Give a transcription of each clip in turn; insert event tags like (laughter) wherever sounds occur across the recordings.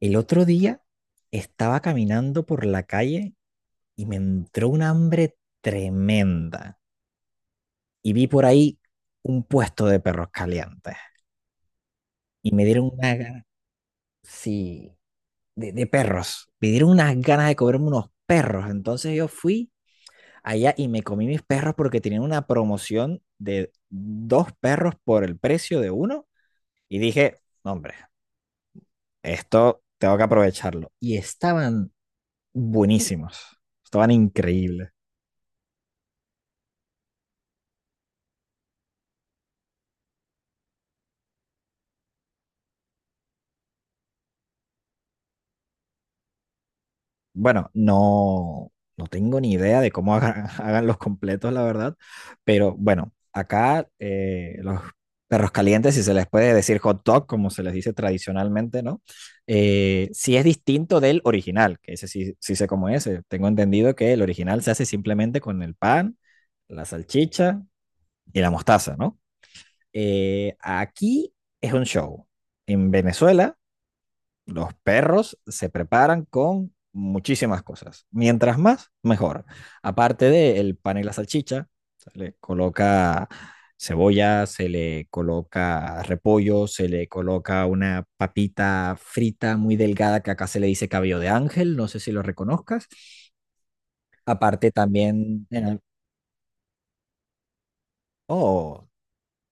El otro día estaba caminando por la calle y me entró un hambre tremenda. Y vi por ahí un puesto de perros calientes. Y me dieron una ganas sí, de perros. Me dieron unas ganas de comerme unos perros. Entonces yo fui allá y me comí mis perros porque tenían una promoción de dos perros por el precio de uno. Y dije, "No, hombre, esto tengo que aprovecharlo." Y estaban buenísimos. Estaban increíbles. Bueno, no, no tengo ni idea de cómo hagan, (laughs) hagan los completos, la verdad, pero bueno, acá los perros calientes, si se les puede decir hot dog, como se les dice tradicionalmente, ¿no? Sí es distinto del original, que ese sí, sí sé cómo es. Tengo entendido que el original se hace simplemente con el pan, la salchicha y la mostaza, ¿no? Aquí es un show. En Venezuela los perros se preparan con muchísimas cosas. Mientras más, mejor. Aparte del pan y la salchicha, se le coloca cebolla, se le coloca repollo, se le coloca una papita frita muy delgada que acá se le dice cabello de ángel, no sé si lo reconozcas. Aparte también, oh,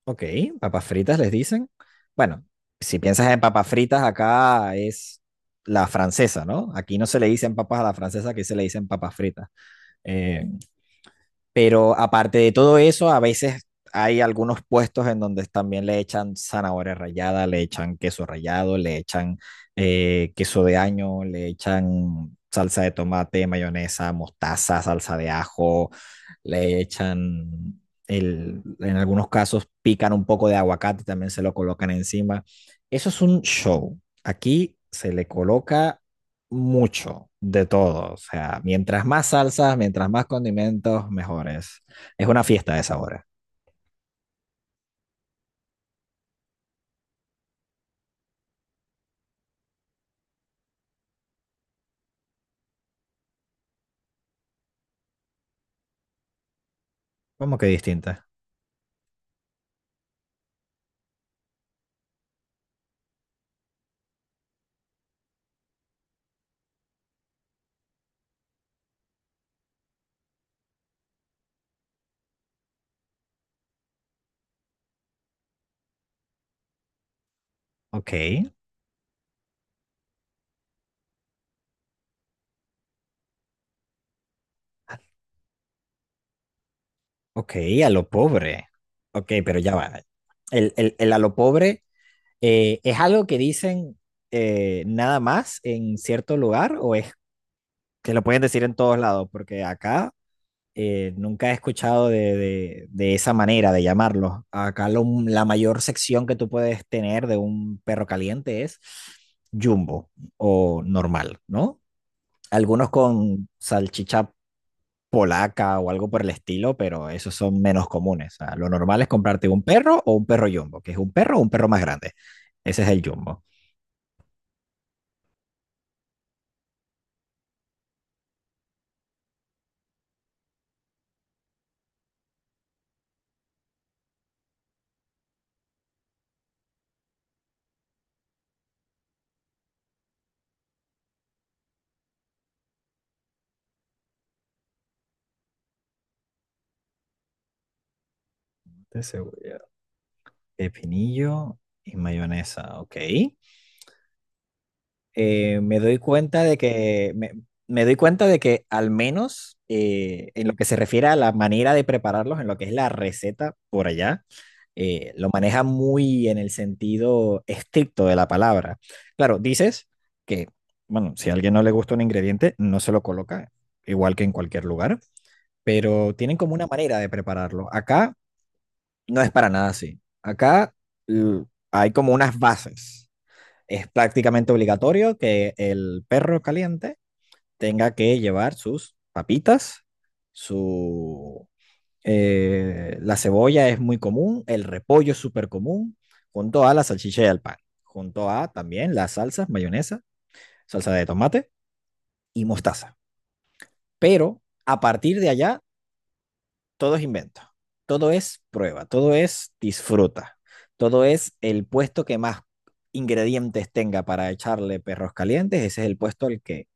Ok, papas fritas les dicen. Bueno, si piensas en papas fritas, acá es la francesa, ¿no? Aquí no se le dicen papas a la francesa, aquí se le dicen papas fritas. Eh, pero aparte de todo eso, a veces hay algunos puestos en donde también le echan zanahoria rallada, le echan queso rallado, le echan queso de año, le echan salsa de tomate, mayonesa, mostaza, salsa de ajo, le echan, en algunos casos pican un poco de aguacate, también se lo colocan encima. Eso es un show. Aquí se le coloca mucho de todo. O sea, mientras más salsas, mientras más condimentos, mejores. Es una fiesta de sabores. ¿Cómo que distinta? Ok, ok, a lo pobre. Ok, pero ya va. El a lo pobre es algo que dicen nada más en cierto lugar o es que lo pueden decir en todos lados, porque acá nunca he escuchado de esa manera de llamarlo. Acá lo, la mayor sección que tú puedes tener de un perro caliente es jumbo o normal, ¿no? Algunos con salchicha polaca o algo por el estilo, pero esos son menos comunes. O sea, lo normal es comprarte un perro o un perro jumbo, que es un perro o un perro más grande. Ese es el jumbo. De cebolla, pepinillo y mayonesa, ok. eh, me doy cuenta de que me, Me doy cuenta de que al menos en lo que se refiere a la manera de prepararlos, en lo que es la receta por allá, lo maneja muy en el sentido estricto de la palabra. Claro, dices que, bueno, si a alguien no le gusta un ingrediente, no se lo coloca, igual que en cualquier lugar, pero tienen como una manera de prepararlo. Acá no es para nada así. Acá l- hay como unas bases, es prácticamente obligatorio que el perro caliente tenga que llevar sus papitas, su... la cebolla es muy común, el repollo es súper común, junto a la salchicha y el pan, junto a también las salsas, mayonesa, salsa de tomate y mostaza. Pero a partir de allá, todo es invento, todo es prueba, todo es disfruta, todo es el puesto que más ingredientes tenga para echarle perros calientes, ese es el puesto al que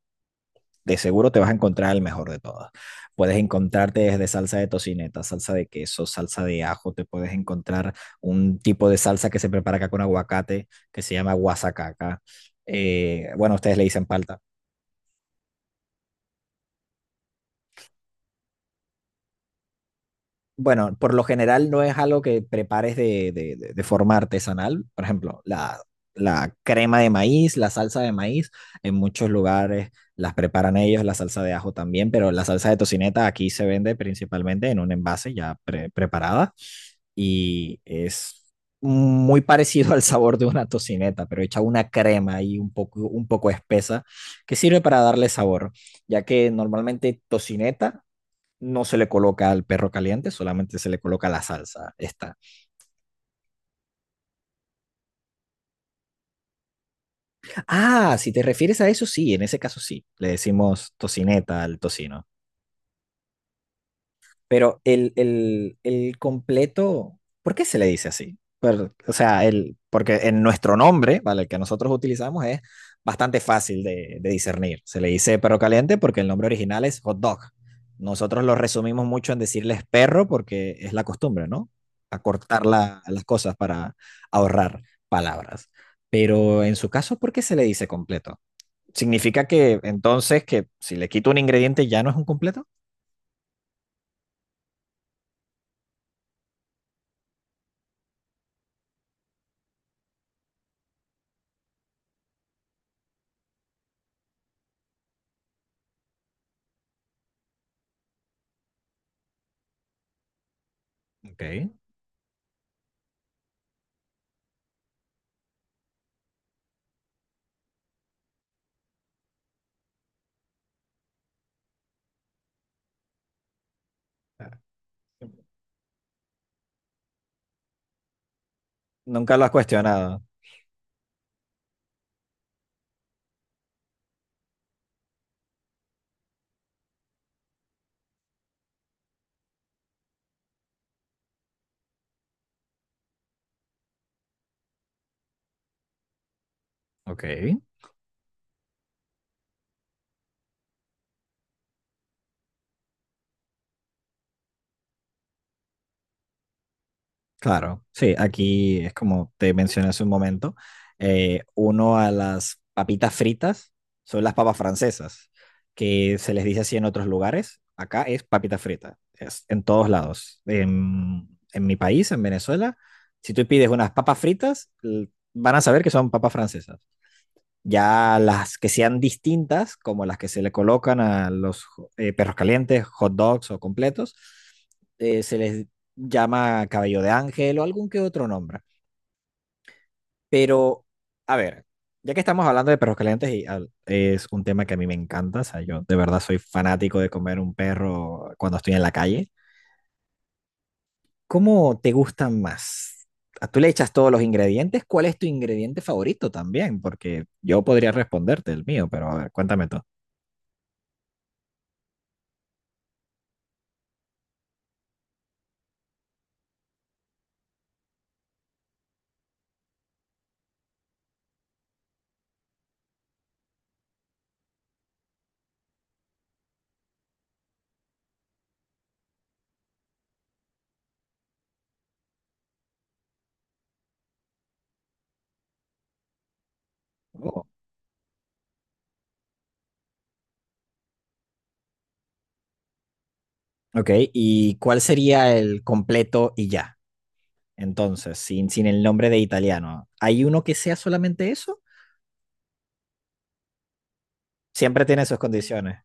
de seguro te vas a encontrar el mejor de todas. Puedes encontrarte desde salsa de tocineta, salsa de queso, salsa de ajo, te puedes encontrar un tipo de salsa que se prepara acá con aguacate, que se llama guasacaca. Bueno, ustedes le dicen palta. Bueno, por lo general no es algo que prepares de forma artesanal. Por ejemplo, la crema de maíz, la salsa de maíz, en muchos lugares las preparan ellos, la salsa de ajo también, pero la salsa de tocineta aquí se vende principalmente en un envase ya preparada y es muy parecido (laughs) al sabor de una tocineta, pero hecha una crema ahí un poco espesa que sirve para darle sabor, ya que normalmente tocineta no se le coloca al perro caliente, solamente se le coloca la salsa. Esta. Ah, si te refieres a eso, sí, en ese caso sí. Le decimos tocineta al tocino. Pero el completo, ¿por qué se le dice así? Pero, o sea, el, porque en nuestro nombre, ¿vale? El que nosotros utilizamos es bastante fácil de discernir. Se le dice perro caliente porque el nombre original es hot dog. Nosotros lo resumimos mucho en decirles perro porque es la costumbre, ¿no? Acortar las cosas para ahorrar palabras. Pero en su caso, ¿por qué se le dice completo? ¿Significa que entonces que si le quito un ingrediente ya no es un completo? Ok. Nunca lo has cuestionado. Ok. Claro, sí, aquí es como te mencioné hace un momento, uno a las papitas fritas son las papas francesas, que se les dice así en otros lugares, acá es papita frita, es en todos lados. En mi país, en Venezuela, si tú pides unas papas fritas, van a saber que son papas francesas. Ya las que sean distintas, como las que se le colocan a los perros calientes, hot dogs o completos, se les llama cabello de ángel o algún que otro nombre. Pero, a ver, ya que estamos hablando de perros calientes, y es un tema que a mí me encanta, o sea, yo de verdad soy fanático de comer un perro cuando estoy en la calle. ¿Cómo te gustan más? ¿A ¿Tú le echas todos los ingredientes? ¿Cuál es tu ingrediente favorito también? Porque yo podría responderte el mío, pero a ver, cuéntame tú. Ok, ¿y cuál sería el completo y ya? Entonces, sin el nombre de italiano. ¿Hay uno que sea solamente eso? Siempre tiene sus condiciones.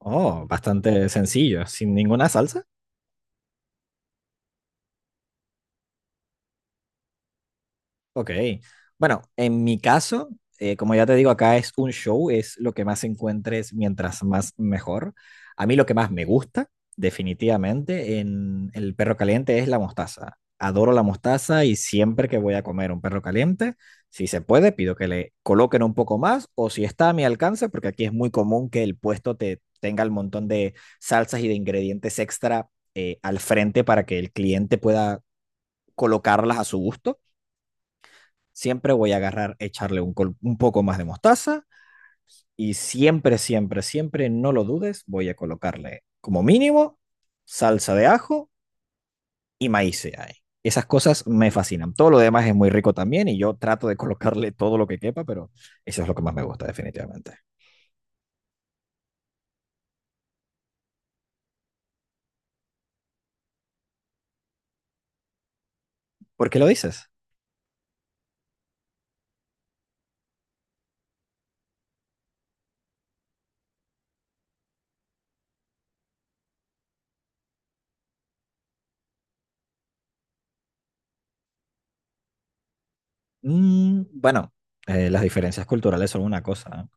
Oh, bastante sencillo, sin ninguna salsa. Ok. Bueno, en mi caso, como ya te digo, acá es un show, es lo que más encuentres mientras más mejor. A mí lo que más me gusta, definitivamente, en el perro caliente es la mostaza. Adoro la mostaza y siempre que voy a comer un perro caliente, si se puede, pido que le coloquen un poco más o si está a mi alcance, porque aquí es muy común que el puesto te tenga el montón de salsas y de ingredientes extra al frente para que el cliente pueda colocarlas a su gusto, siempre voy a agarrar, echarle un poco más de mostaza y siempre, siempre, siempre, no lo dudes, voy a colocarle como mínimo salsa de ajo y maíz ahí. Esas cosas me fascinan. Todo lo demás es muy rico también y yo trato de colocarle todo lo que quepa, pero eso es lo que más me gusta definitivamente. ¿Por qué lo dices? Mm, bueno, las diferencias culturales son una cosa.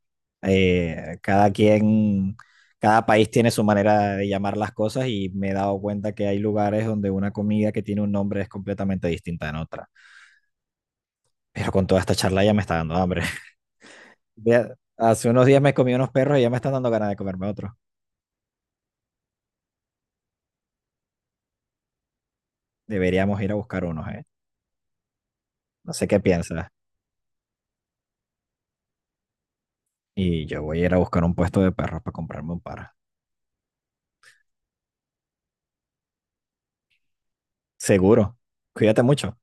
¿Eh? Cada quien, cada país tiene su manera de llamar las cosas y me he dado cuenta que hay lugares donde una comida que tiene un nombre es completamente distinta en otra. Pero con toda esta charla ya me está dando hambre. (laughs) Hace unos días me comí unos perros y ya me están dando ganas de comerme otros. Deberíamos ir a buscar unos, ¿eh? No sé qué piensas. Y yo voy a ir a buscar un puesto de perros para comprarme un par. Seguro. Cuídate mucho.